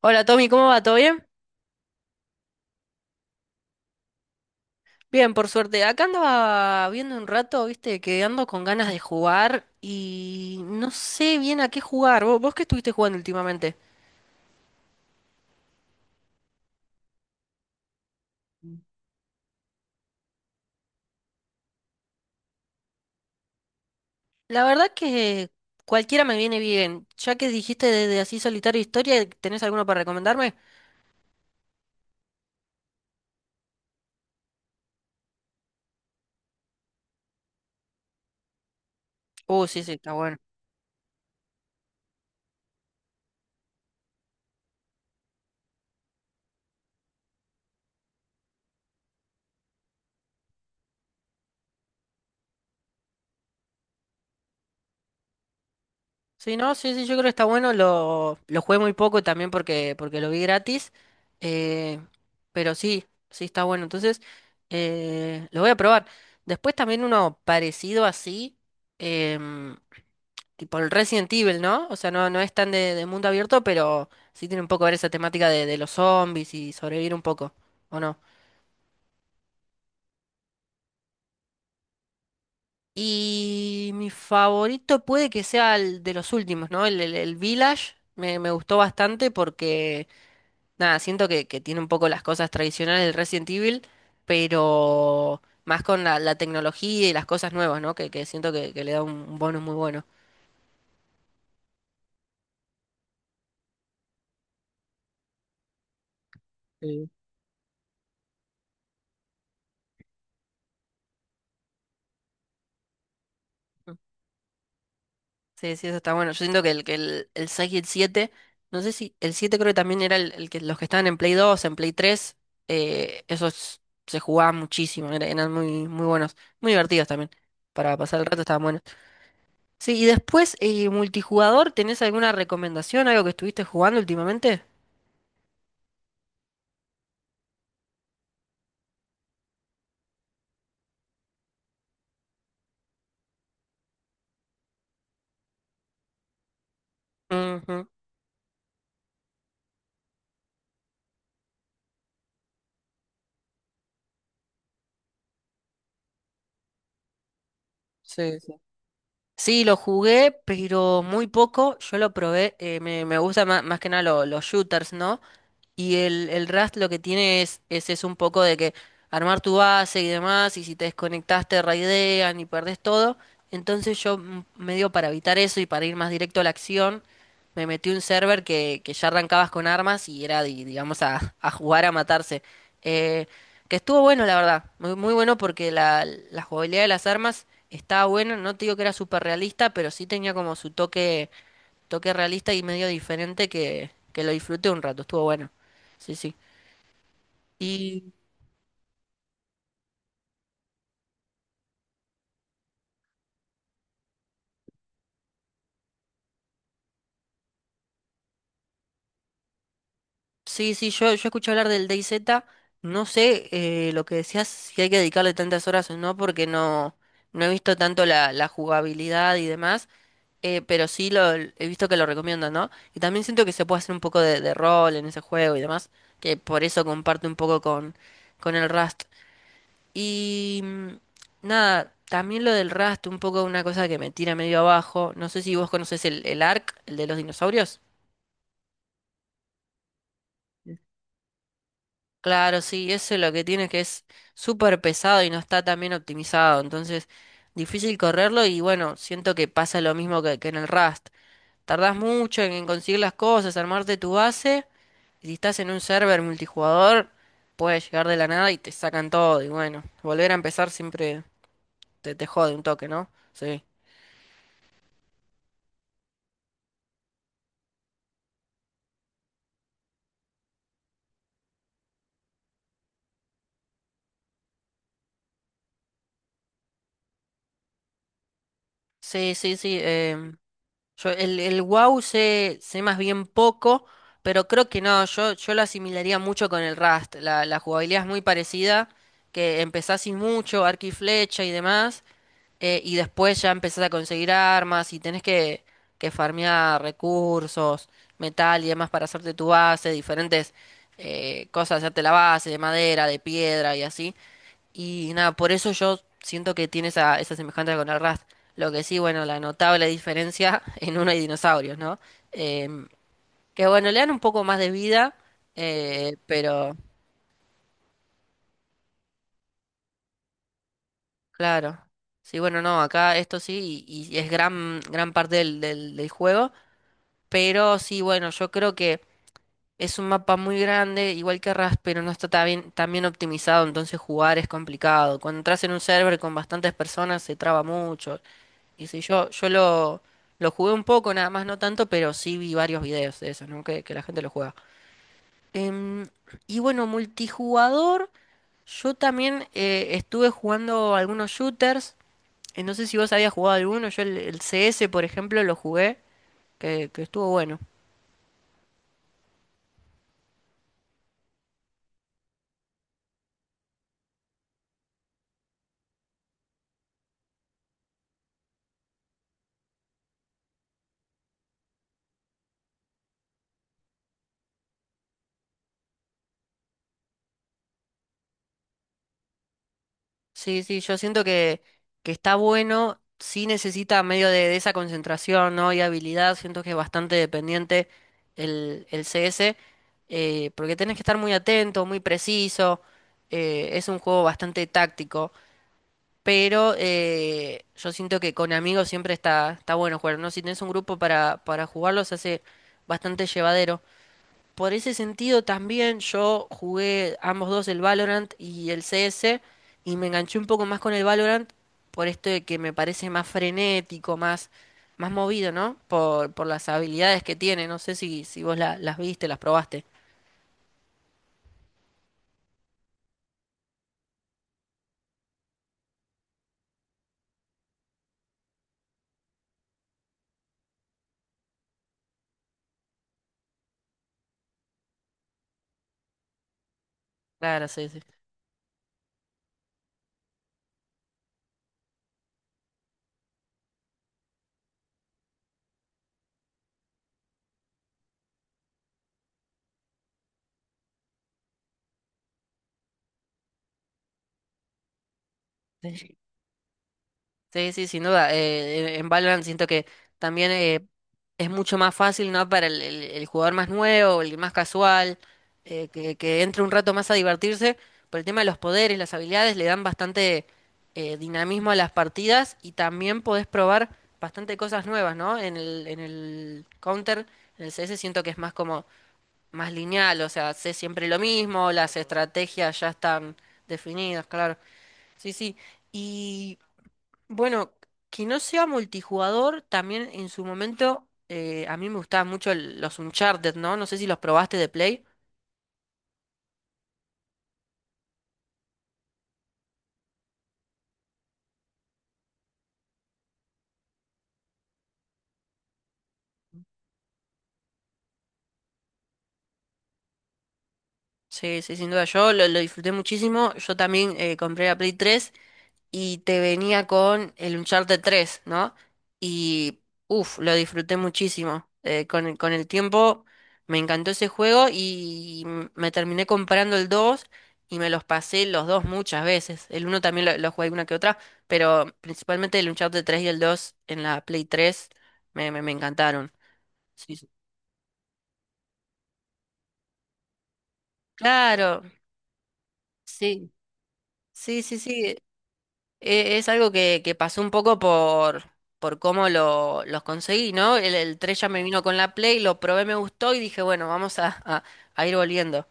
Hola Tommy, ¿cómo va? ¿Todo bien? Bien, por suerte. Acá andaba viendo un rato, viste, que ando con ganas de jugar y no sé bien a qué jugar. ¿Vos qué estuviste jugando últimamente? La verdad que cualquiera me viene bien. Ya que dijiste de así solitario historia, ¿tenés alguno para recomendarme? Oh, sí, sí, está bueno. Sí, no, sí, sí, yo creo que está bueno. Lo jugué muy poco también porque lo vi gratis. eh, pero sí, sí está bueno. Entonces, lo voy a probar. Después también uno parecido así, em, tipo el Resident Evil, ¿no? O sea, no es tan de mundo abierto, pero sí tiene un poco que ver esa temática de los zombies y sobrevivir un poco, ¿o no? Y mi favorito puede que sea el de los últimos, ¿no? El Village me gustó bastante porque nada, siento que tiene un poco las cosas tradicionales del Resident Evil, pero más con la tecnología y las cosas nuevas, ¿no? Que siento que le da un bonus muy bueno. Sí. Sí, sí, eso está bueno. Yo siento que el, que el 6 y el 7, no sé si el 7 creo que también era el que los que estaban en Play 2 en Play tres, esos se jugaban muchísimo, eran muy, muy buenos, muy divertidos también. Para pasar el rato estaban buenos. Sí, y después, multijugador, ¿tenés alguna recomendación, algo que estuviste jugando últimamente? Ujú. Sí, sí. Sí, lo jugué, pero muy poco. Yo lo probé. Me gusta más, más que nada los shooters, ¿no? Y el Rust lo que tiene es eso un poco de que armar tu base y demás, y si te desconectas te raidean y perdés todo. Entonces yo medio para evitar eso y para ir más directo a la acción, me metí un server que ya arrancabas con armas y era, digamos, a jugar a matarse. Eh, que estuvo bueno, la verdad. Muy, muy bueno porque la jugabilidad de las armas estaba buena. No te digo que era súper realista, pero sí tenía como su toque toque realista y medio diferente que lo disfruté un rato, estuvo bueno. Sí, sí. Y sí, sí, yo escuché hablar del DayZ, no sé lo que decías, si hay que dedicarle tantas horas o no, porque no, no he visto tanto la, la jugabilidad y demás, pero sí lo he visto que lo recomiendan, ¿no? Y también siento que se puede hacer un poco de rol en ese juego y demás, que por eso comparto un poco con el Rust. Y nada, también lo del Rust, un poco una cosa que me tira medio abajo. No sé si vos conocés el Ark, el de los dinosaurios. Claro, sí, eso es lo que tiene que es súper pesado y no está tan bien optimizado, entonces difícil correrlo y bueno, siento que pasa lo mismo que en el Rust. Tardás mucho en conseguir las cosas, armarte tu base y si estás en un server multijugador puedes llegar de la nada y te sacan todo y bueno, volver a empezar siempre te, te jode un toque, ¿no? Sí. Sí, sí, sí. Yo el wow sé, sé más bien poco, pero creo que no, yo lo asimilaría mucho con el Rust. La jugabilidad es muy parecida, que empezás sin mucho, arco y flecha y demás, y después ya empezás a conseguir armas y tenés que farmear recursos, metal y demás para hacerte tu base, diferentes cosas, hacerte la base de madera, de piedra y así. Y nada, por eso yo siento que tiene esa, esa semejanza con el Rust. Lo que sí, bueno, la notable diferencia en uno hay dinosaurios, ¿no? Em, que bueno, le dan un poco más de vida, pero claro. Sí, bueno, no, acá esto sí, y es gran, gran parte del, del, del juego. Pero sí, bueno, yo creo que es un mapa muy grande, igual que Rust, pero no está tan bien optimizado, entonces jugar es complicado. Cuando entras en un server con bastantes personas se traba mucho. Y si yo, yo lo jugué un poco, nada más no tanto, pero sí vi varios videos de eso, ¿no? Que la gente lo juega. Em, y bueno, multijugador, yo también estuve jugando algunos shooters. No sé si vos habías jugado alguno, yo el CS, por ejemplo, lo jugué, que estuvo bueno. Sí, sí, yo siento que está bueno, sí necesita medio de esa concentración, ¿no? Y habilidad, siento que es bastante dependiente el CS, porque tenés que estar muy atento, muy preciso, es un juego bastante táctico, pero yo siento que con amigos siempre está, está bueno jugar, ¿no? Si tenés un grupo para jugarlo se hace bastante llevadero. Por ese sentido también yo jugué ambos dos el Valorant y el CS y me enganché un poco más con el Valorant por esto de que me parece más frenético, más, más movido, ¿no? Por las habilidades que tiene. No sé si, si vos las viste, las probaste. Claro, sí, sí. Sí, sí, sin duda. En Valorant siento que también es mucho más fácil, ¿no? Para el, el jugador más nuevo, el más casual, que entre un rato más a divertirse. Por el tema de los poderes, las habilidades, le dan bastante dinamismo a las partidas y también podés probar bastante cosas nuevas, ¿no? En el Counter, en el CS, siento que es más como más lineal, o sea, sé siempre lo mismo, las estrategias ya están definidas, claro. Sí, sí. Bueno, que no sea multijugador, también en su momento a mí me gustaban mucho los Uncharted, ¿no? No sé si los probaste de Play. Sí, sí, sin duda yo lo disfruté muchísimo. Yo también compré la Play 3. Y te venía con el Uncharted 3, ¿no? Y uff, lo disfruté muchísimo. Con el, con el tiempo me encantó ese juego y me terminé comprando el 2 y me los pasé los dos muchas veces. El uno también lo jugué una que otra, pero principalmente el Uncharted 3 y el 2 en la Play 3 me, me, me encantaron. Sí, sí. Claro, sí. Sí, sí, sí. Es algo que pasó un poco por cómo lo, los conseguí, ¿no? El 3 ya me vino con la Play, lo probé, me gustó y dije, bueno, vamos a, a ir volviendo.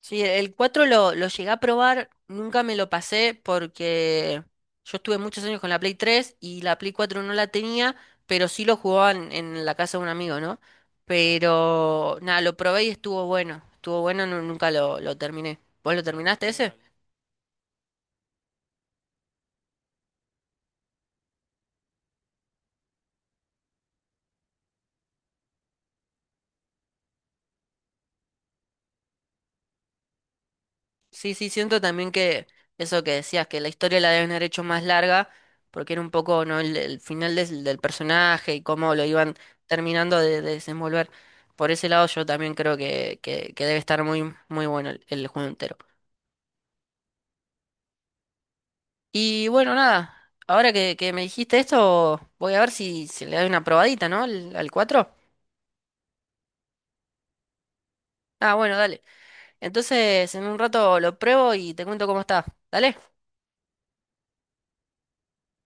Sí, el 4 lo llegué a probar, nunca me lo pasé porque yo estuve muchos años con la Play 3 y la Play 4 no la tenía, pero sí lo jugaban en la casa de un amigo, ¿no? Pero nada, lo probé y estuvo bueno, nunca lo, lo terminé. ¿Vos lo terminaste ese? Sí, sí, siento también que eso que decías, que la historia la deben haber hecho más larga, porque era un poco, ¿no? El final del, del personaje y cómo lo iban terminando de desenvolver. Por ese lado yo también creo que debe estar muy, muy bueno el juego entero. Y bueno, nada, ahora que me dijiste esto, voy a ver si, si le doy una probadita, ¿no? Al, al 4. Ah, bueno, dale. Entonces en un rato lo pruebo y te cuento cómo está. ¿Dale?